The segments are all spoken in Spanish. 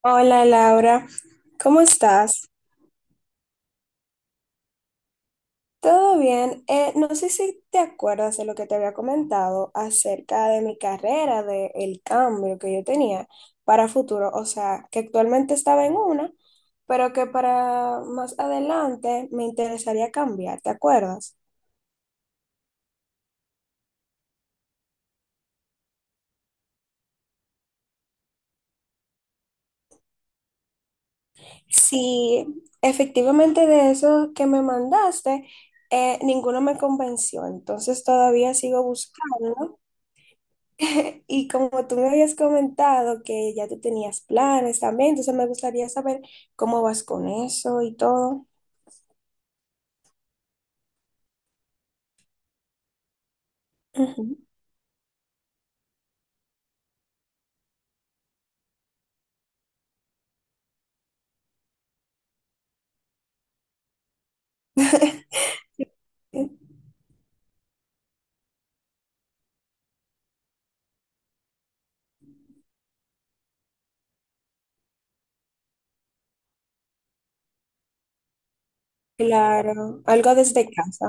Hola, Laura. ¿Cómo estás? ¿Todo bien? No sé si te acuerdas de lo que te había comentado acerca de mi carrera, del cambio que yo tenía para futuro, o sea, que actualmente estaba en una, pero que para más adelante me interesaría cambiar, ¿te acuerdas? Sí, efectivamente de eso que me mandaste, ninguno me convenció, entonces todavía sigo buscando. Y como tú me habías comentado que ya tú tenías planes también, entonces me gustaría saber cómo vas con eso y todo. Ujú. Claro, algo desde casa.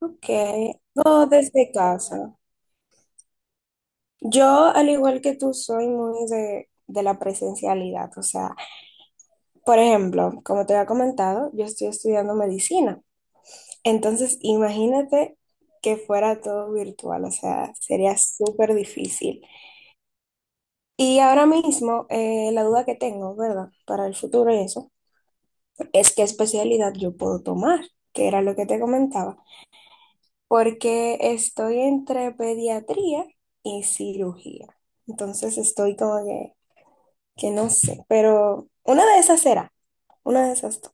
Ok, no desde casa. Yo, al igual que tú, soy muy de la presencialidad. O sea, por ejemplo, como te había comentado, yo estoy estudiando medicina. Entonces, imagínate que fuera todo virtual. O sea, sería súper difícil. Y ahora mismo, la duda que tengo, ¿verdad? Para el futuro y eso, es qué especialidad yo puedo tomar, que era lo que te comentaba. Porque estoy entre pediatría y cirugía. Entonces, estoy como que no sé, pero una de esas será, una de esas dos.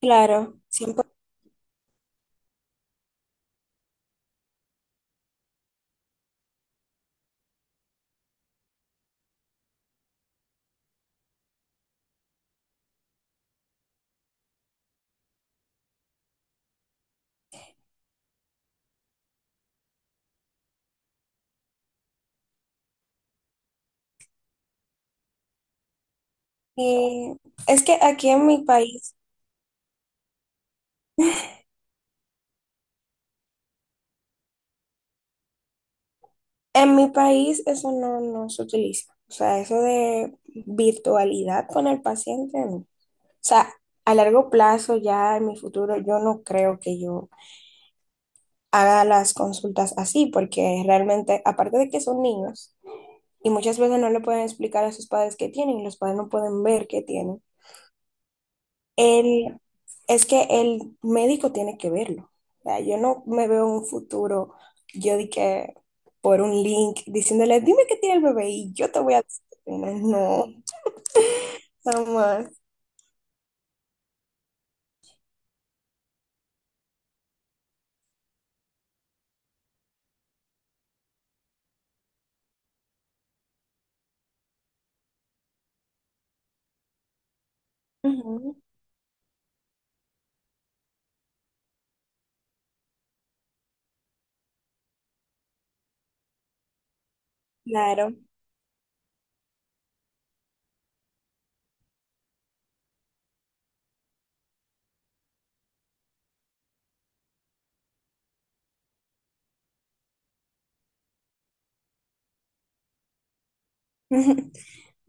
Claro, siempre. que- Es que aquí en mi país eso no, no se utiliza. O sea, eso de virtualidad con el paciente, no. O sea, a largo plazo, ya en mi futuro, yo no creo que yo haga las consultas así, porque realmente, aparte de que son niños, y muchas veces no le pueden explicar a sus padres qué tienen, y los padres no pueden ver qué tienen. Él, es que el médico tiene que verlo. O sea, yo no me veo en un futuro, yo di que por un link diciéndole, "dime qué tiene el bebé y yo te voy a decir qué tiene". No, jamás. Ujú. Claro,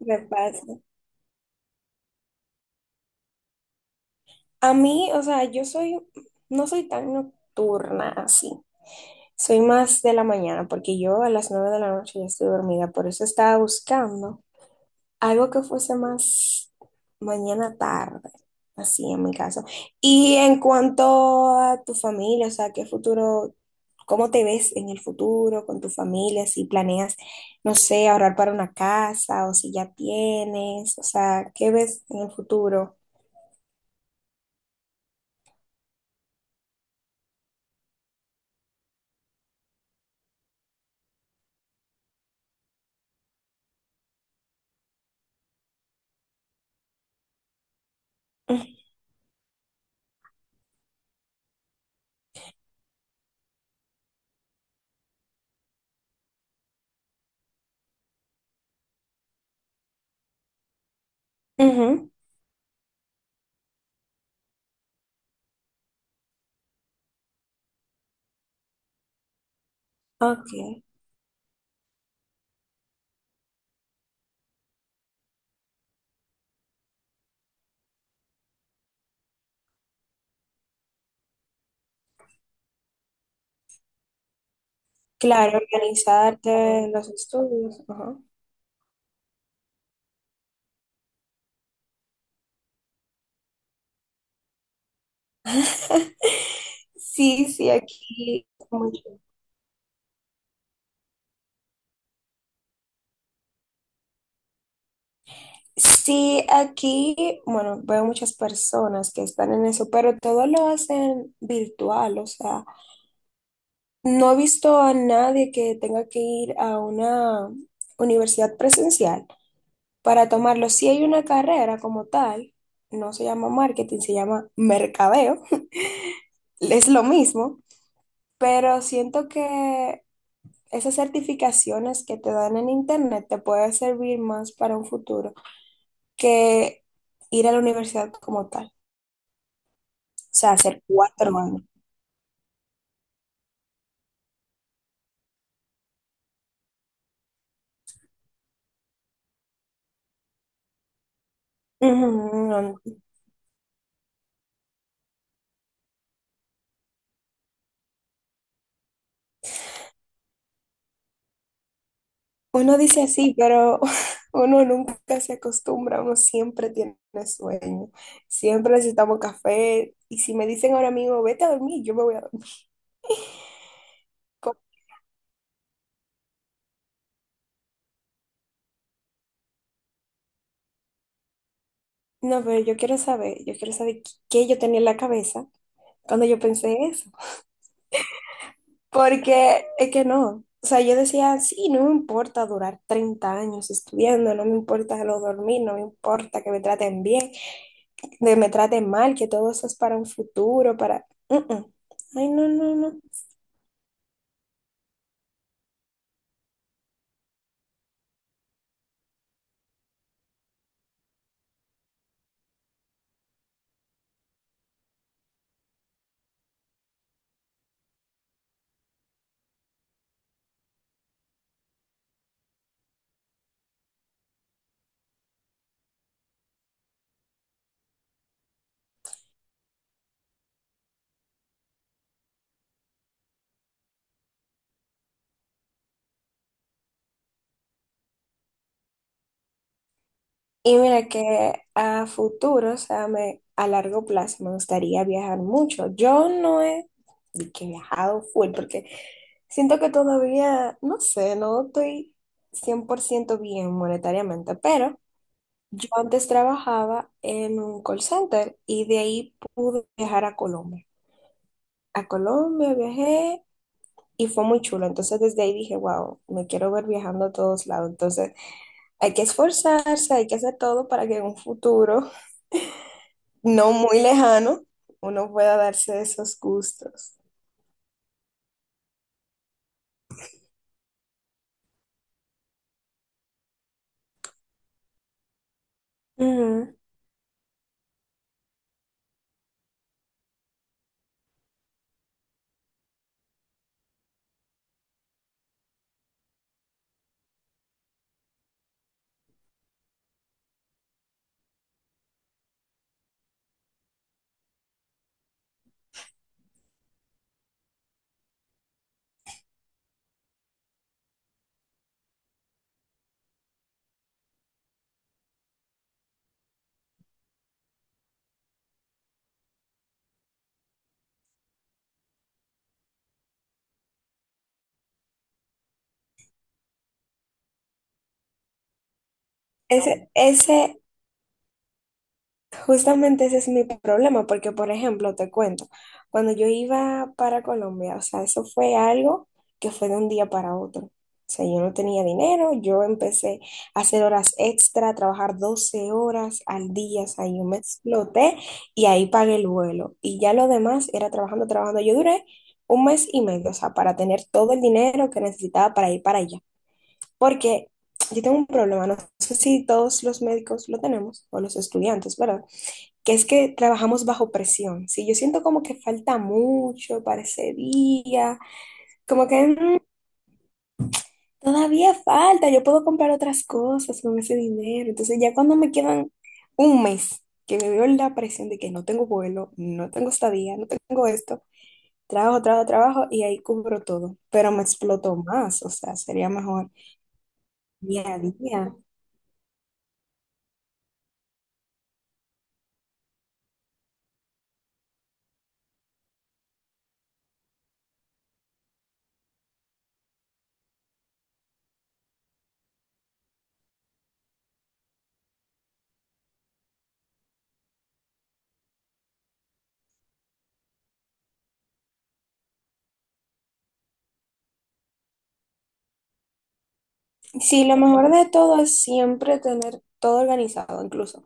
me pasa. A mí, o sea, yo soy, no soy tan nocturna así. Soy más de la mañana, porque yo a las 9 de la noche ya estoy dormida, por eso estaba buscando algo que fuese más mañana tarde, así en mi caso. Y en cuanto a tu familia, o sea, ¿qué futuro, cómo te ves en el futuro con tu familia? Si planeas, no sé, ahorrar para una casa o si ya tienes, o sea, ¿qué ves en el futuro? Ujú. Ok. Claro, organizarte los estudios. Ajá. Sí, sí, aquí mucho. Sí, aquí, bueno, veo muchas personas que están en eso, pero todo lo hacen virtual, o sea, no he visto a nadie que tenga que ir a una universidad presencial para tomarlo. Si hay una carrera como tal, no se llama marketing, se llama mercadeo, es lo mismo, pero siento que esas certificaciones que te dan en internet te pueden servir más para un futuro que ir a la universidad como tal. O sea, hacer 4 años. Ujú. Uno dice así, pero uno nunca se acostumbra, uno siempre tiene sueño, siempre necesitamos café. Y si me dicen ahora mismo, vete a dormir, yo me voy a dormir. Co- No, pero yo quiero saber qué yo tenía en la cabeza cuando yo pensé eso. Porque es que no. O sea, yo decía, sí, no me importa durar 30 años estudiando, no me importa lo dormir, no me importa que me traten bien, que me traten mal, que todo eso es para un futuro, para... Mm, mm. Ay, no, no, no. Y mira que a futuro, o sea, me, a largo plazo me gustaría viajar mucho. Yo no he de que he viajado full porque siento que todavía, no sé, no estoy 100% bien monetariamente, pero yo antes trabajaba en un call center y de ahí pude viajar a Colombia. A Colombia viajé y fue muy chulo. Entonces desde ahí dije, wow, me quiero ver viajando a todos lados. Entonces hay que esforzarse, hay que hacer todo para que en un futuro no muy lejano uno pueda darse esos gustos. Ujú. Ese Justamente ese es mi problema, porque por ejemplo, te cuento, cuando yo iba para Colombia, o sea, eso fue algo que fue de un día para otro. O sea, yo no tenía dinero, yo empecé a hacer horas extra, a trabajar 12 horas al día, o sea, yo me exploté y ahí pagué el vuelo. Y ya lo demás era trabajando, trabajando. Yo duré un mes y medio, o sea, para tener todo el dinero que necesitaba para ir para allá. Porque yo tengo un problema, no sé si todos los médicos lo tenemos, o los estudiantes, ¿verdad? Que es que trabajamos bajo presión. Si yo siento como que falta mucho para ese día, como que todavía falta, yo puedo comprar otras cosas con ese dinero. Entonces ya cuando me quedan un mes, que me veo en la presión de que no tengo vuelo, no tengo estadía, no tengo esto, trabajo, trabajo, trabajo y ahí cubro todo. Pero me exploto más, o sea, sería mejor día a día. Sí, lo mejor de todo es siempre tener todo organizado, incluso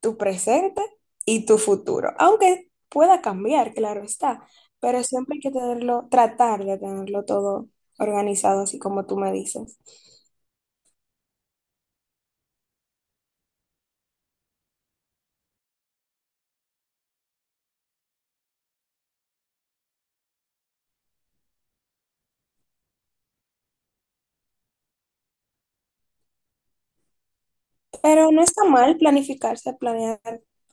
tu presente y tu futuro. Aunque pueda cambiar, claro está, pero siempre hay que tenerlo, tratar de tenerlo todo organizado, así como tú me dices. Pero no está mal planificarse, planear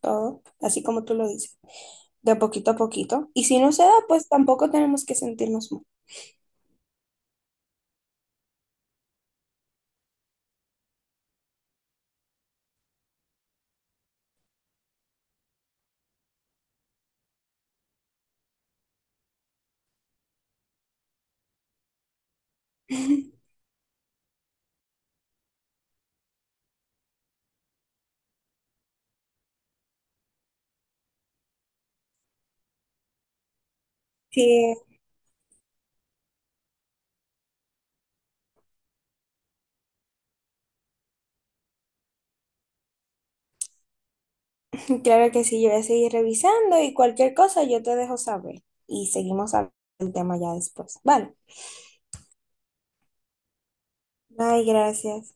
todo, así como tú lo dices, de poquito a poquito. Y si no se da, pues tampoco tenemos que sentirnos mal. Sí, claro que sí, yo voy a seguir revisando y cualquier cosa yo te dejo saber. Y seguimos hablando del tema ya después. Vale. Ay, gracias.